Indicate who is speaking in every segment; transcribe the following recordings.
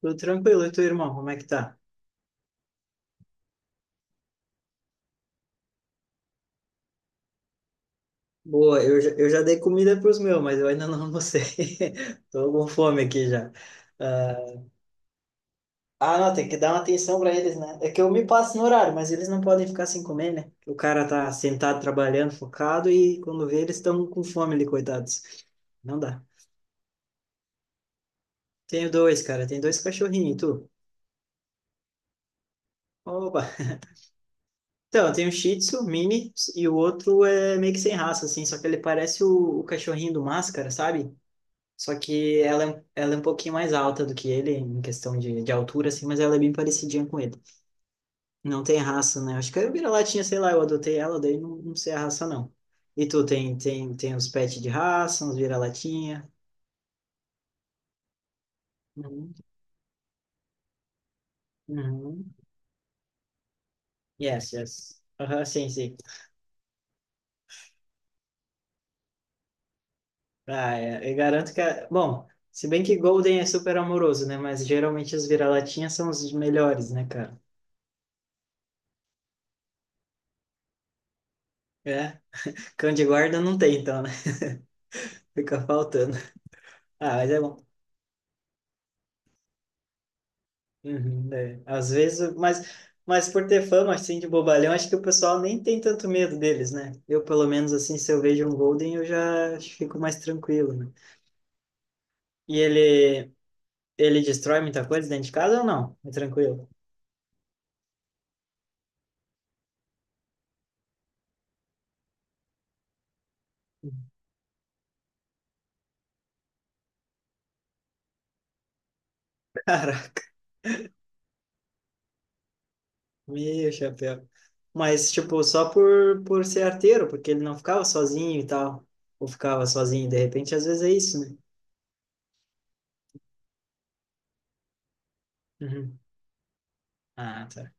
Speaker 1: Tudo tranquilo, e teu irmão, como é que tá? Boa, eu já dei comida para os meus, mas eu ainda não almocei. Tô com fome aqui já. Ah, ah, não, tem que dar uma atenção para eles, né? É que eu me passo no horário, mas eles não podem ficar sem comer, né? O cara tá sentado trabalhando, focado, e quando vê, eles estão com fome ali, coitados. Não dá. Tenho dois, cara, tem dois cachorrinhos, e tu? Opa! Então, eu tenho um Shih Tzu mini e o outro é meio que sem raça, assim, só que ele parece o cachorrinho do Máscara, sabe? Só que ela, ela é um pouquinho mais alta do que ele, em questão de altura, assim, mas ela é bem parecidinha com ele. Não tem raça, né? Acho que eu vira-latinha, sei lá, eu adotei ela, daí não sei a raça, não. E tu tem uns pets de raça, uns vira-latinha. Uhum. Uhum. Yes, yes. Aham, sim, sim. Ah, é, eu garanto que, bom, se bem que Golden é super amoroso, né? Mas geralmente os vira-latinhas são os melhores, né, cara? É. Cão de guarda não tem, então, né? Fica faltando. Ah, mas é bom. Uhum, é. Às vezes, mas, por ter fama assim de bobalhão, acho que o pessoal nem tem tanto medo deles, né? Eu, pelo menos, assim, se eu vejo um Golden, eu já fico mais tranquilo, né? E ele destrói muita coisa dentro de casa ou não? É tranquilo. Caraca, meu chapéu. Mas, tipo, só por ser arteiro, porque ele não ficava sozinho e tal. Ou ficava sozinho, de repente, às vezes é isso, né? Uhum. Ah, tá.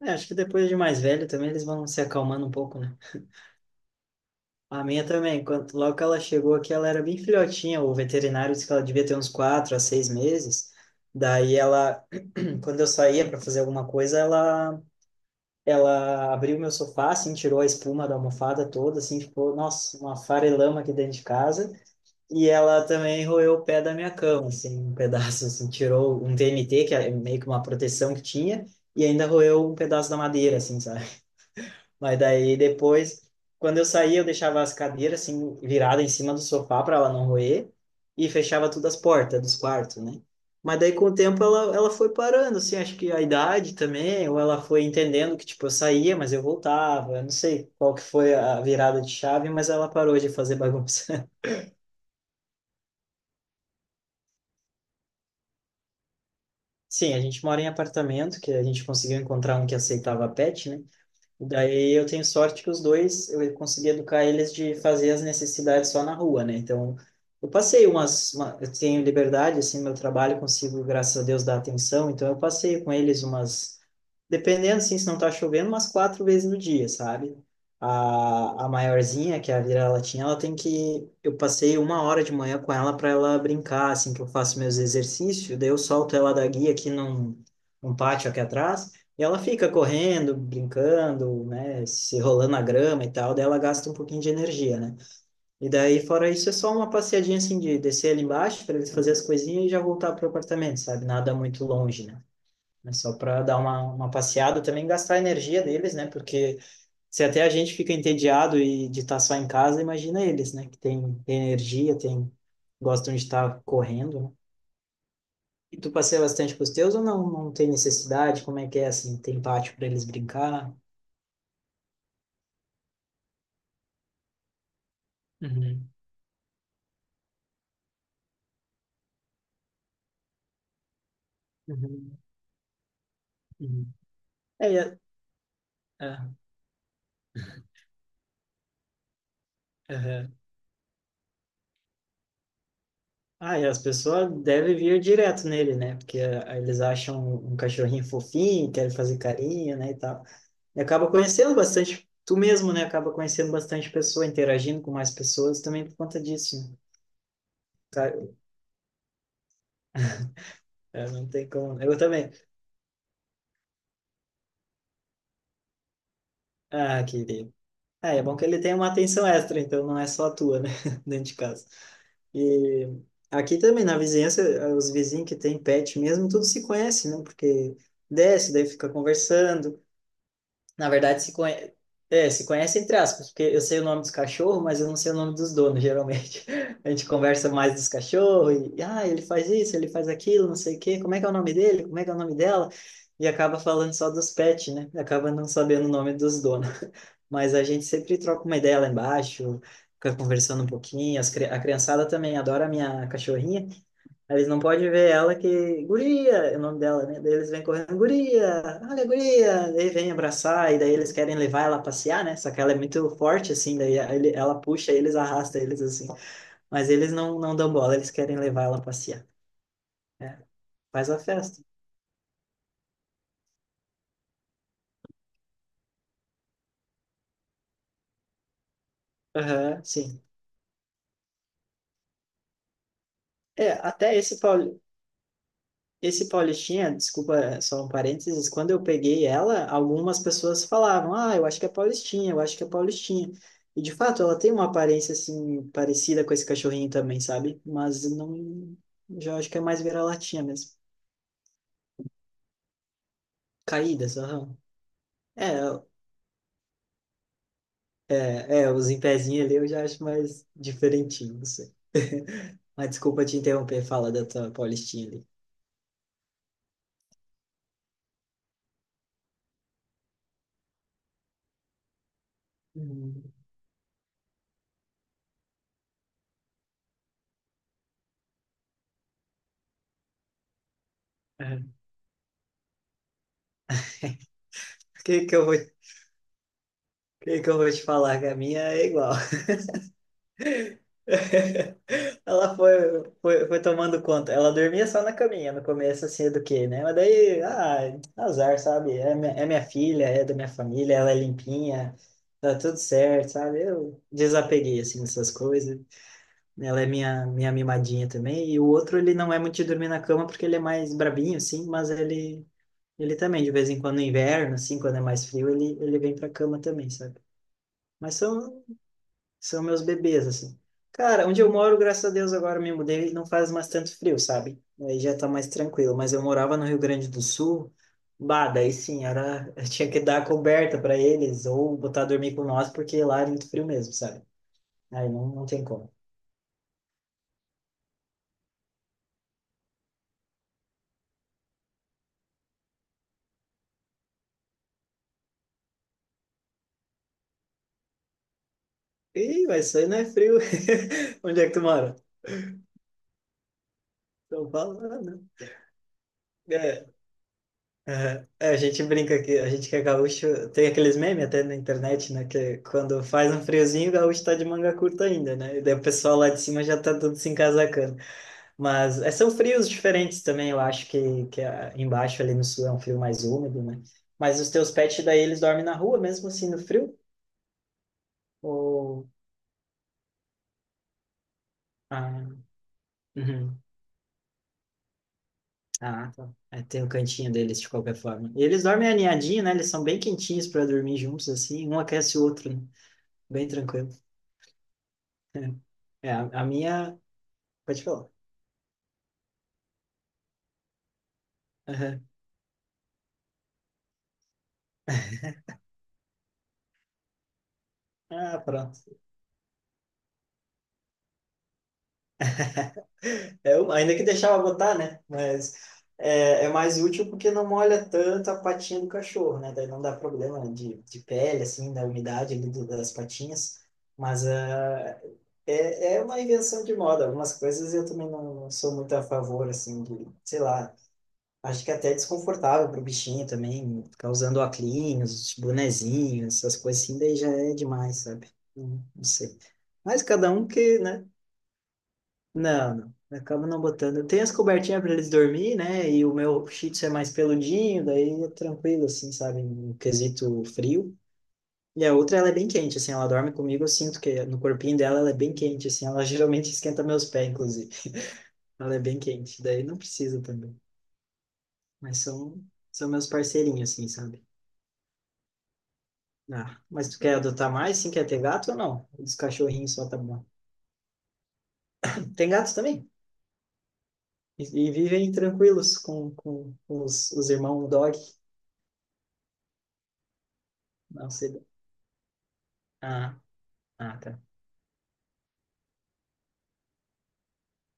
Speaker 1: É, acho que depois de mais velho também eles vão se acalmando um pouco, né? A minha também, quando, logo que ela chegou aqui, ela era bem filhotinha. O veterinário disse que ela devia ter uns 4 a 6 meses. Daí ela, quando eu saía para fazer alguma coisa, ela, abriu meu sofá, assim, tirou a espuma da almofada toda, assim, ficou, nossa, uma farelama aqui dentro de casa. E ela também roeu o pé da minha cama, assim, um pedaço, assim, tirou um VMT, que é meio que uma proteção que tinha, e ainda roeu um pedaço da madeira, assim, sabe? Mas daí depois, quando eu saía, eu deixava as cadeiras assim virada em cima do sofá para ela não roer e fechava todas as portas dos quartos, né? Mas daí com o tempo ela foi parando, assim, acho que a idade também, ou ela foi entendendo que tipo eu saía, mas eu voltava, eu não sei qual que foi a virada de chave, mas ela parou de fazer bagunça. Sim, a gente mora em apartamento, que a gente conseguiu encontrar um que aceitava pet, né? Daí eu tenho sorte que os dois, eu consegui educar eles de fazer as necessidades só na rua, né? Então, eu passei eu tenho liberdade, assim, meu trabalho, consigo, graças a Deus, dar atenção, então eu passei com eles umas, dependendo, assim, se não tá chovendo, umas quatro vezes no dia, sabe? A maiorzinha, que é a vira-latinha, ela tem que, eu passei 1 hora de manhã com ela para ela brincar, assim, que eu faço meus exercícios, daí eu solto ela da guia aqui num pátio aqui atrás, e ela fica correndo, brincando, né, se rolando na grama e tal, daí ela gasta um pouquinho de energia, né? E daí, fora isso, é só uma passeadinha assim de descer ali embaixo para ele fazer as coisinhas e já voltar para o apartamento, sabe? Nada muito longe, né? É só para dar uma passeada, também gastar a energia deles, né? Porque se até a gente fica entediado e de estar só em casa, imagina eles, né? Que tem energia, tem, gostam de estar correndo, né? E tu passeia bastante com os teus ou não? Não tem necessidade? Como é que é assim? Tem pátio para eles brincar? Uhum, uhum, uhum. É, e é, aham. Ah, e as pessoas devem vir direto nele, né? Porque eles acham um cachorrinho fofinho, querem fazer carinho, né, e tal. E acaba conhecendo bastante, tu mesmo, né? Acaba conhecendo bastante pessoa, interagindo com mais pessoas também por conta disso, né? Tá, é, não tem como. Eu também. Ah, querido. É bom que ele tem uma atenção extra, então não é só a tua, né? Dentro de casa. E aqui também, na vizinhança, os vizinhos que têm pet mesmo, tudo se conhece, né? Porque desce, daí fica conversando. Na verdade, se conhece, é, se conhece entre aspas, porque eu sei o nome dos cachorros, mas eu não sei o nome dos donos, geralmente. A gente conversa mais dos cachorros, e, ele faz isso, ele faz aquilo, não sei o quê, como é que é o nome dele, como é que é o nome dela, e acaba falando só dos pets, né? Acaba não sabendo o nome dos donos mas a gente sempre troca uma ideia lá embaixo, fica conversando um pouquinho. A criançada também adora a minha cachorrinha. Eles não podem ver ela que. Guria! É o nome dela, né? Daí eles vêm correndo, Guria! Olha, a guria! Daí vem abraçar, e daí eles querem levar ela a passear, né? Só que ela é muito forte, assim, daí ela puxa eles, arrasta eles, assim. Mas eles não dão bola, eles querem levar ela a passear. É, faz a festa. Aham, sim. É, até esse Esse Paulistinha, desculpa só um parênteses, quando eu peguei ela, algumas pessoas falavam, ah, eu acho que é Paulistinha, eu acho que é Paulistinha. E de fato, ela tem uma aparência assim parecida com esse cachorrinho também, sabe? Mas não, já acho que é mais vira-latinha mesmo. Caídas, aham. É, é, os em pezinho ali eu já acho mais diferentinho, não sei. Mas desculpa te interromper, fala da tua Paulistinha ali. Uhum. É. O que que eu vou te falar, que a minha é igual. Ela foi tomando conta. Ela dormia só na caminha no começo, assim, do quê, né? Mas daí, azar, sabe? É minha filha, é da minha família, ela é limpinha, tá tudo certo, sabe? Eu desapeguei, assim, dessas coisas. Ela é minha mimadinha também. E o outro, ele não é muito de dormir na cama porque ele é mais brabinho, assim, mas ele, também, de vez em quando, no inverno, assim, quando é mais frio, ele vem pra cama também, sabe? Mas são meus bebês, assim. Cara, onde eu moro, graças a Deus, agora me mudei e não faz mais tanto frio, sabe? Aí já tá mais tranquilo. Mas eu morava no Rio Grande do Sul, bah, daí sim, era. Eu tinha que dar coberta para eles ou botar a dormir com nós, porque lá é muito frio mesmo, sabe? Aí não tem como. Ih, mas isso aí não é frio. Onde é que tu mora? São Paulo, ah, né? É, aham. É, a gente brinca que a gente que é gaúcho tem aqueles memes até na internet, né? Que quando faz um friozinho, o gaúcho tá de manga curta ainda, né? E daí o pessoal lá de cima já tá todo se encasacando. Mas é, são frios diferentes também, eu acho que, embaixo ali no sul é um frio mais úmido, né? Mas os teus pets daí eles dormem na rua mesmo assim no frio? Ou. Ah, uhum. Ah, tá. É, tem o cantinho deles de qualquer forma. E eles dormem aninhadinho, né? Eles são bem quentinhos para dormir juntos assim, um aquece o outro, né? Bem tranquilo. É, a minha. Pode falar. Aham. Ah, pronto. É, ainda que deixava botar, né? Mas é mais útil porque não molha tanto a patinha do cachorro, né? Daí não dá problema de pele, assim, da umidade ali das patinhas. Mas é uma invenção de moda. Algumas coisas eu também não sou muito a favor, assim, de, sei lá. Acho que é até desconfortável pro bichinho também, ficar usando óculos, bonezinhos, essas coisas assim, daí já é demais, sabe? Não, não sei. Mas cada um que, né? Não, não. Eu acabo não botando. Tem as cobertinhas para eles dormir, né? E o meu Shih Tzu é mais peludinho, daí é tranquilo, assim, sabe? No quesito frio. E a outra, ela é bem quente, assim, ela dorme comigo, eu sinto que no corpinho dela ela é bem quente, assim, ela geralmente esquenta meus pés, inclusive. Ela é bem quente, daí não precisa também. Mas são meus parceirinhos, assim, sabe? Ah, mas tu quer adotar mais sim quer ter gato ou não? Os cachorrinhos só tá bom. Tem gatos também? E vivem tranquilos com os irmãos dog? Não sei. Ah, ah, tá.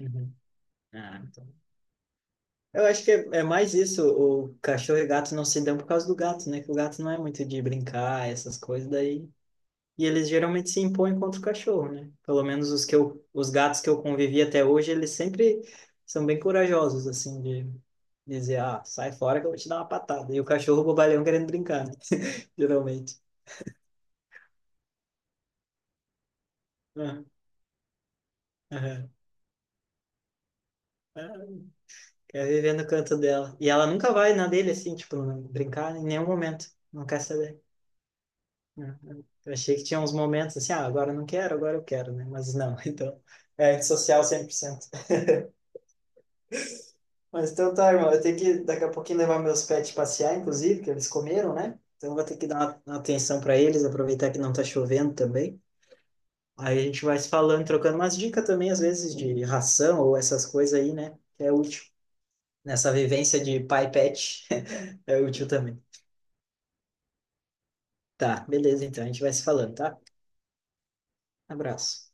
Speaker 1: Uhum. Ah, então. Eu acho que é mais isso. O cachorro e gato não se dão por causa do gato, né? Que o gato não é muito de brincar, essas coisas. Daí, e eles geralmente se impõem contra o cachorro, né? Pelo menos os que eu, os gatos que eu convivi até hoje, eles sempre são bem corajosos, assim, de dizer, ah, sai fora que eu vou te dar uma patada. E o cachorro bobalhão querendo brincar, né? Geralmente. Aham, aham. Ah, quer viver no canto dela. E ela nunca vai na dele, assim, tipo, não brincar em nenhum momento. Não quer saber. Aham. Eu achei que tinha uns momentos assim, ah, agora eu não quero, agora eu quero, né? Mas não, então, é antissocial 100%. Mas então tá, irmão. Eu tenho que daqui a pouquinho levar meus pets passear, inclusive, que eles comeram, né? Então eu vou ter que dar uma atenção para eles, aproveitar que não tá chovendo também. Aí a gente vai se falando, trocando umas dicas também, às vezes, de ração ou essas coisas aí, né? Que é útil. Nessa vivência de pai e pet, é útil também. Tá, beleza, então. A gente vai se falando, tá? Abraço.